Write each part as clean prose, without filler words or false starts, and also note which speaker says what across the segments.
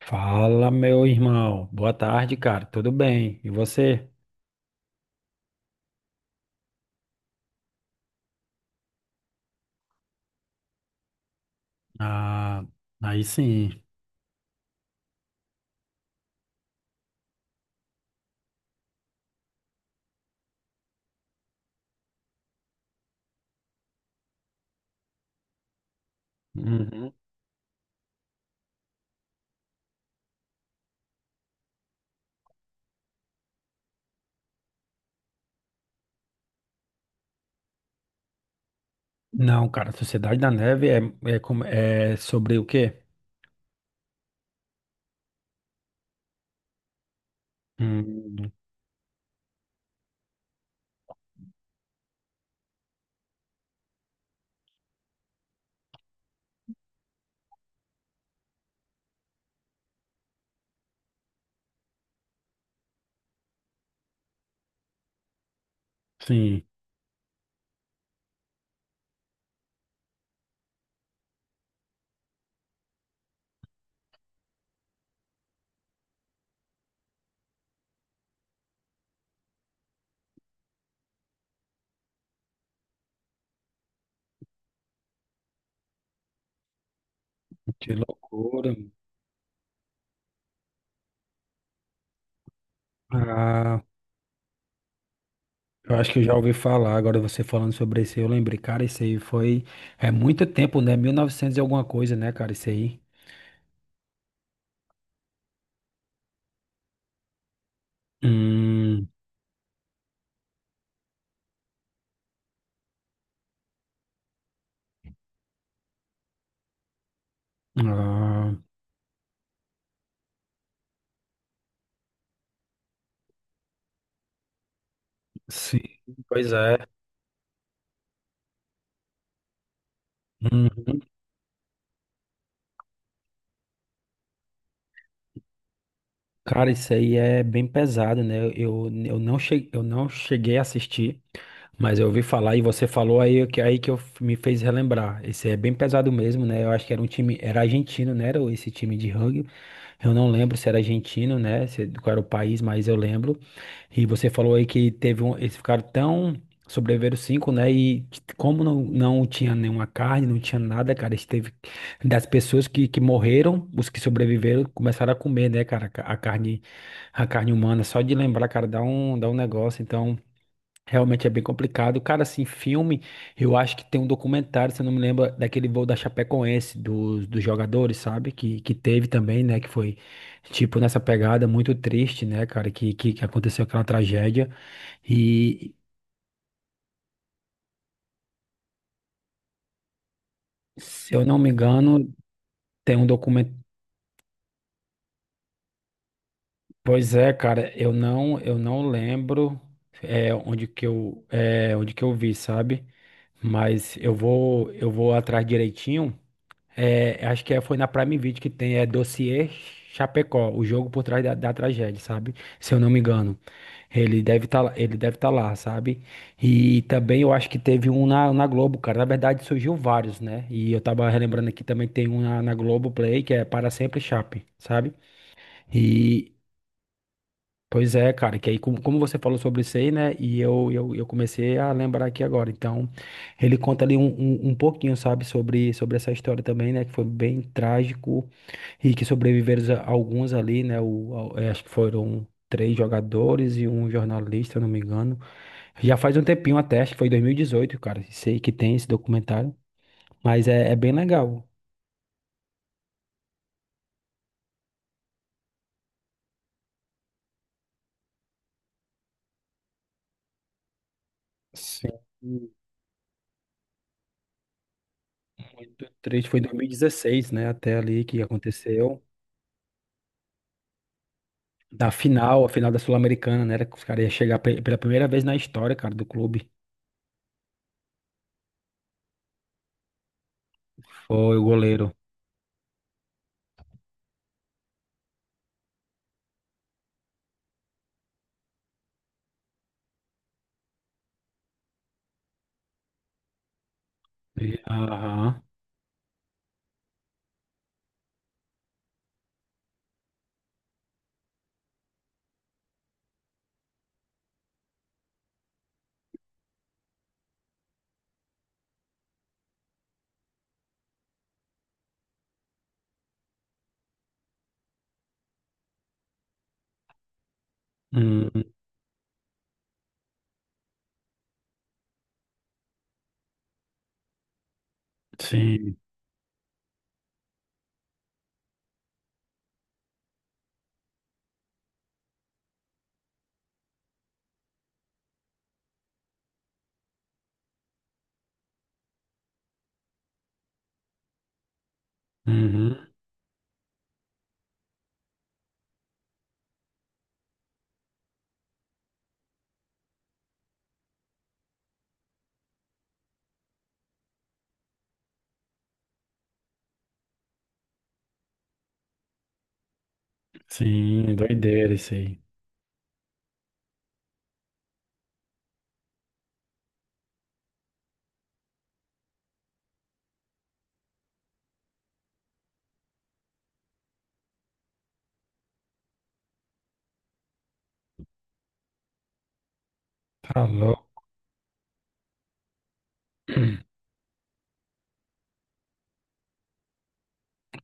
Speaker 1: Fala, meu irmão. Boa tarde, cara. Tudo bem? E você? Ah, aí sim. Uhum. Não, cara, Sociedade da Neve é, é sobre o quê? Hum, sim, que loucura. Ah, eu acho que eu já ouvi falar. Agora você falando sobre isso, aí, eu lembrei, cara, isso aí foi. É muito tempo, né? 1900 e novecentos e alguma coisa, né, cara? Isso aí. Hum, ah, sim, pois é. Uhum. Cara, isso aí é bem pesado, né? Eu não cheguei a assistir, mas eu ouvi falar e você falou aí que me fez relembrar. Esse é bem pesado mesmo, né? Eu acho que era um time, era argentino, né? Era esse time de rugby. Eu não lembro se era argentino, né? Se, Qual era o país, mas eu lembro. E você falou aí que teve um, eles ficaram tão sobreviveram cinco, né? Como não tinha nenhuma carne, não tinha nada, cara, eles teve das pessoas que morreram, os que sobreviveram começaram a comer, né, cara, a carne humana. Só de lembrar, cara, dá um negócio. Então, realmente é bem complicado. Cara, assim, filme, eu acho que tem um documentário, se eu não me lembro, daquele voo da Chapecoense, dos jogadores, sabe? Que teve também, né? Que foi, tipo, nessa pegada muito triste, né, cara? Que aconteceu aquela tragédia. E, se eu não me engano, tem um documento. Pois é, cara, eu não lembro onde que eu vi, sabe? Mas eu vou atrás direitinho. Acho que foi na Prime Video que tem, é Dossiê Chapecó, o jogo por trás da tragédia, sabe? Se eu não me engano. Ele deve estar lá, sabe? E também eu acho que teve um na Globo, cara. Na verdade, surgiu vários, né? E eu tava relembrando aqui também que tem um na Globo Play, que é Para Sempre Chape, sabe? E pois é, cara, que aí como você falou sobre isso aí, né? E eu comecei a lembrar aqui agora. Então, ele conta ali um pouquinho, sabe, sobre essa história também, né? Que foi bem trágico e que sobreviveram alguns ali, né? Acho que foram três jogadores e um jornalista, não me engano. Já faz um tempinho até, acho que foi em 2018, cara. Sei que tem esse documentário, mas é bem legal. Sim. O do três foi em 2016, né? Até ali que aconteceu. Da final, a final da Sul-Americana, né? Era que os caras iam chegar pela primeira vez na história, cara, do clube. Foi o goleiro. Aham. Hum, sim. Uhum. Sim, doideira isso aí. Tá louco.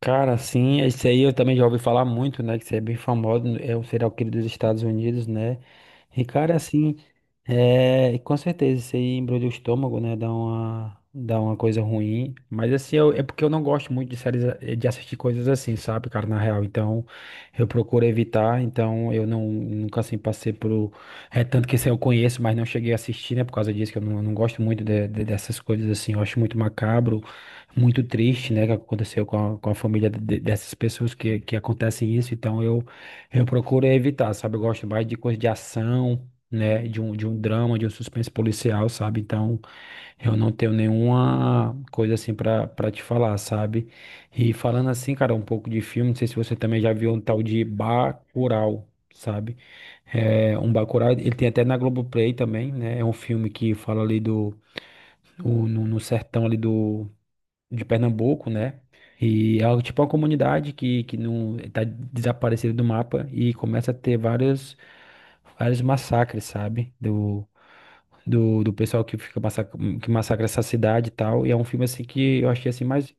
Speaker 1: Cara, sim, esse aí eu também já ouvi falar muito, né? Que você é bem famoso, é o serial killer dos Estados Unidos, né? E, cara, assim, e com certeza, isso aí embrulha o estômago, né? Dá uma coisa ruim. Mas, assim, é porque eu não gosto muito de séries, de assistir coisas assim, sabe, cara, na real. Então, eu procuro evitar. Então, eu não, nunca, assim, passei por. É tanto que esse eu conheço, mas não cheguei a assistir, né? Por causa disso, que eu não gosto muito dessas coisas assim. Eu acho muito macabro muito triste, né, que aconteceu com a família dessas pessoas que acontecem isso, então eu procuro evitar, sabe? Eu gosto mais de coisa de ação, né, de um drama, de um suspense policial, sabe? Então eu não tenho nenhuma coisa assim pra para te falar, sabe? E falando assim, cara, um pouco de filme, não sei se você também já viu um tal de Bacurau. Sabe? É, um Bacurau, ele tem até na Globoplay também, né? É um filme que fala ali do, o- no, no sertão ali de Pernambuco, né? E é algo tipo uma comunidade que não tá desaparecida do mapa e começa a ter vários, vários massacres, sabe? Do pessoal que que massacra essa cidade e tal. E é um filme assim que eu achei assim, mas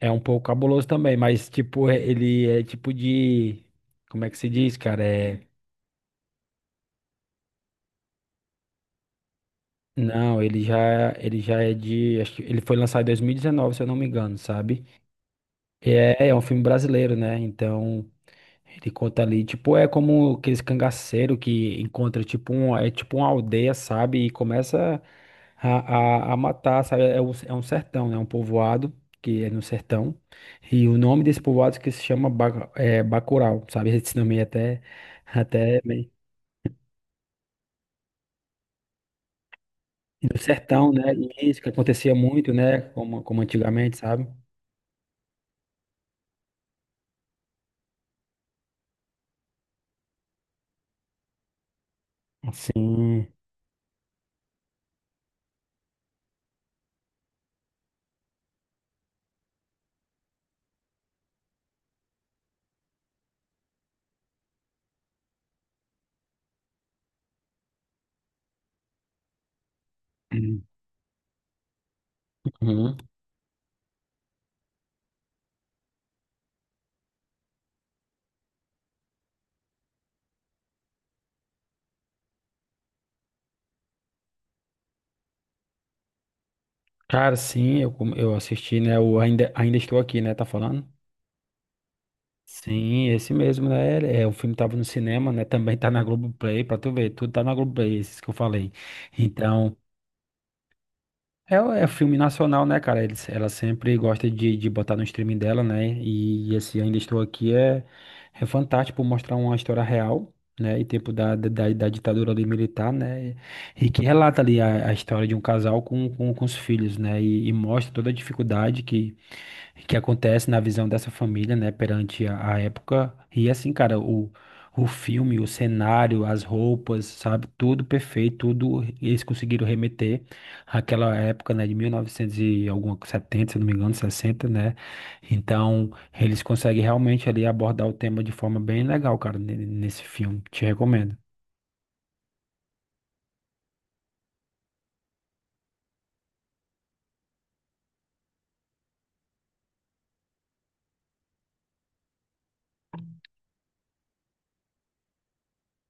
Speaker 1: é um pouco cabuloso também, mas tipo, ele é tipo de. Como é que se diz, cara? É. Não, ele já é de, acho que ele foi lançado em 2019, se eu não me engano, sabe? E é um filme brasileiro, né? Então, ele conta ali, tipo, é como aqueles cangaceiros que encontra, tipo, é tipo uma aldeia, sabe? E começa a matar, sabe? É um sertão, né? Um povoado que é no sertão. E o nome desse povoado que se chama Bacurau, sabe? Esse nome é até meio. E no sertão, né? E isso que acontecia muito, né? Como antigamente, sabe? Assim. Uhum. Cara, sim, eu assisti, né? O Ainda Estou Aqui, né? Tá falando? Sim, esse mesmo, né? É, o filme tava no cinema, né? Também tá na Globoplay, pra tu ver, tudo tá na Globoplay, esses que eu falei. Então, é, é filme nacional, né, cara? Eles, ela sempre gosta de botar no streaming dela, né? E esse Ainda Estou Aqui é fantástico por mostrar uma história real, né? E tempo da ditadura ali militar, né? E que relata ali a história de um casal com os filhos, né? E mostra toda a dificuldade que acontece na visão dessa família, né, perante a época. E assim, cara, o filme, o cenário, as roupas, sabe, tudo perfeito, tudo eles conseguiram remeter àquela época, né, de 1900 e novecentos e alguma, 70, se não me engano, 60, né? Então, eles conseguem realmente ali abordar o tema de forma bem legal, cara, nesse filme. Te recomendo.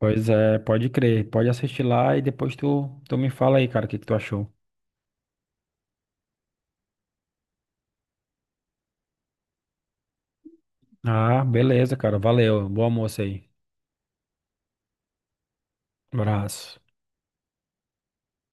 Speaker 1: Pois é, pode crer, pode assistir lá e depois tu me fala aí, cara, o que que tu achou. Ah, beleza, cara, valeu, bom almoço aí, abraço.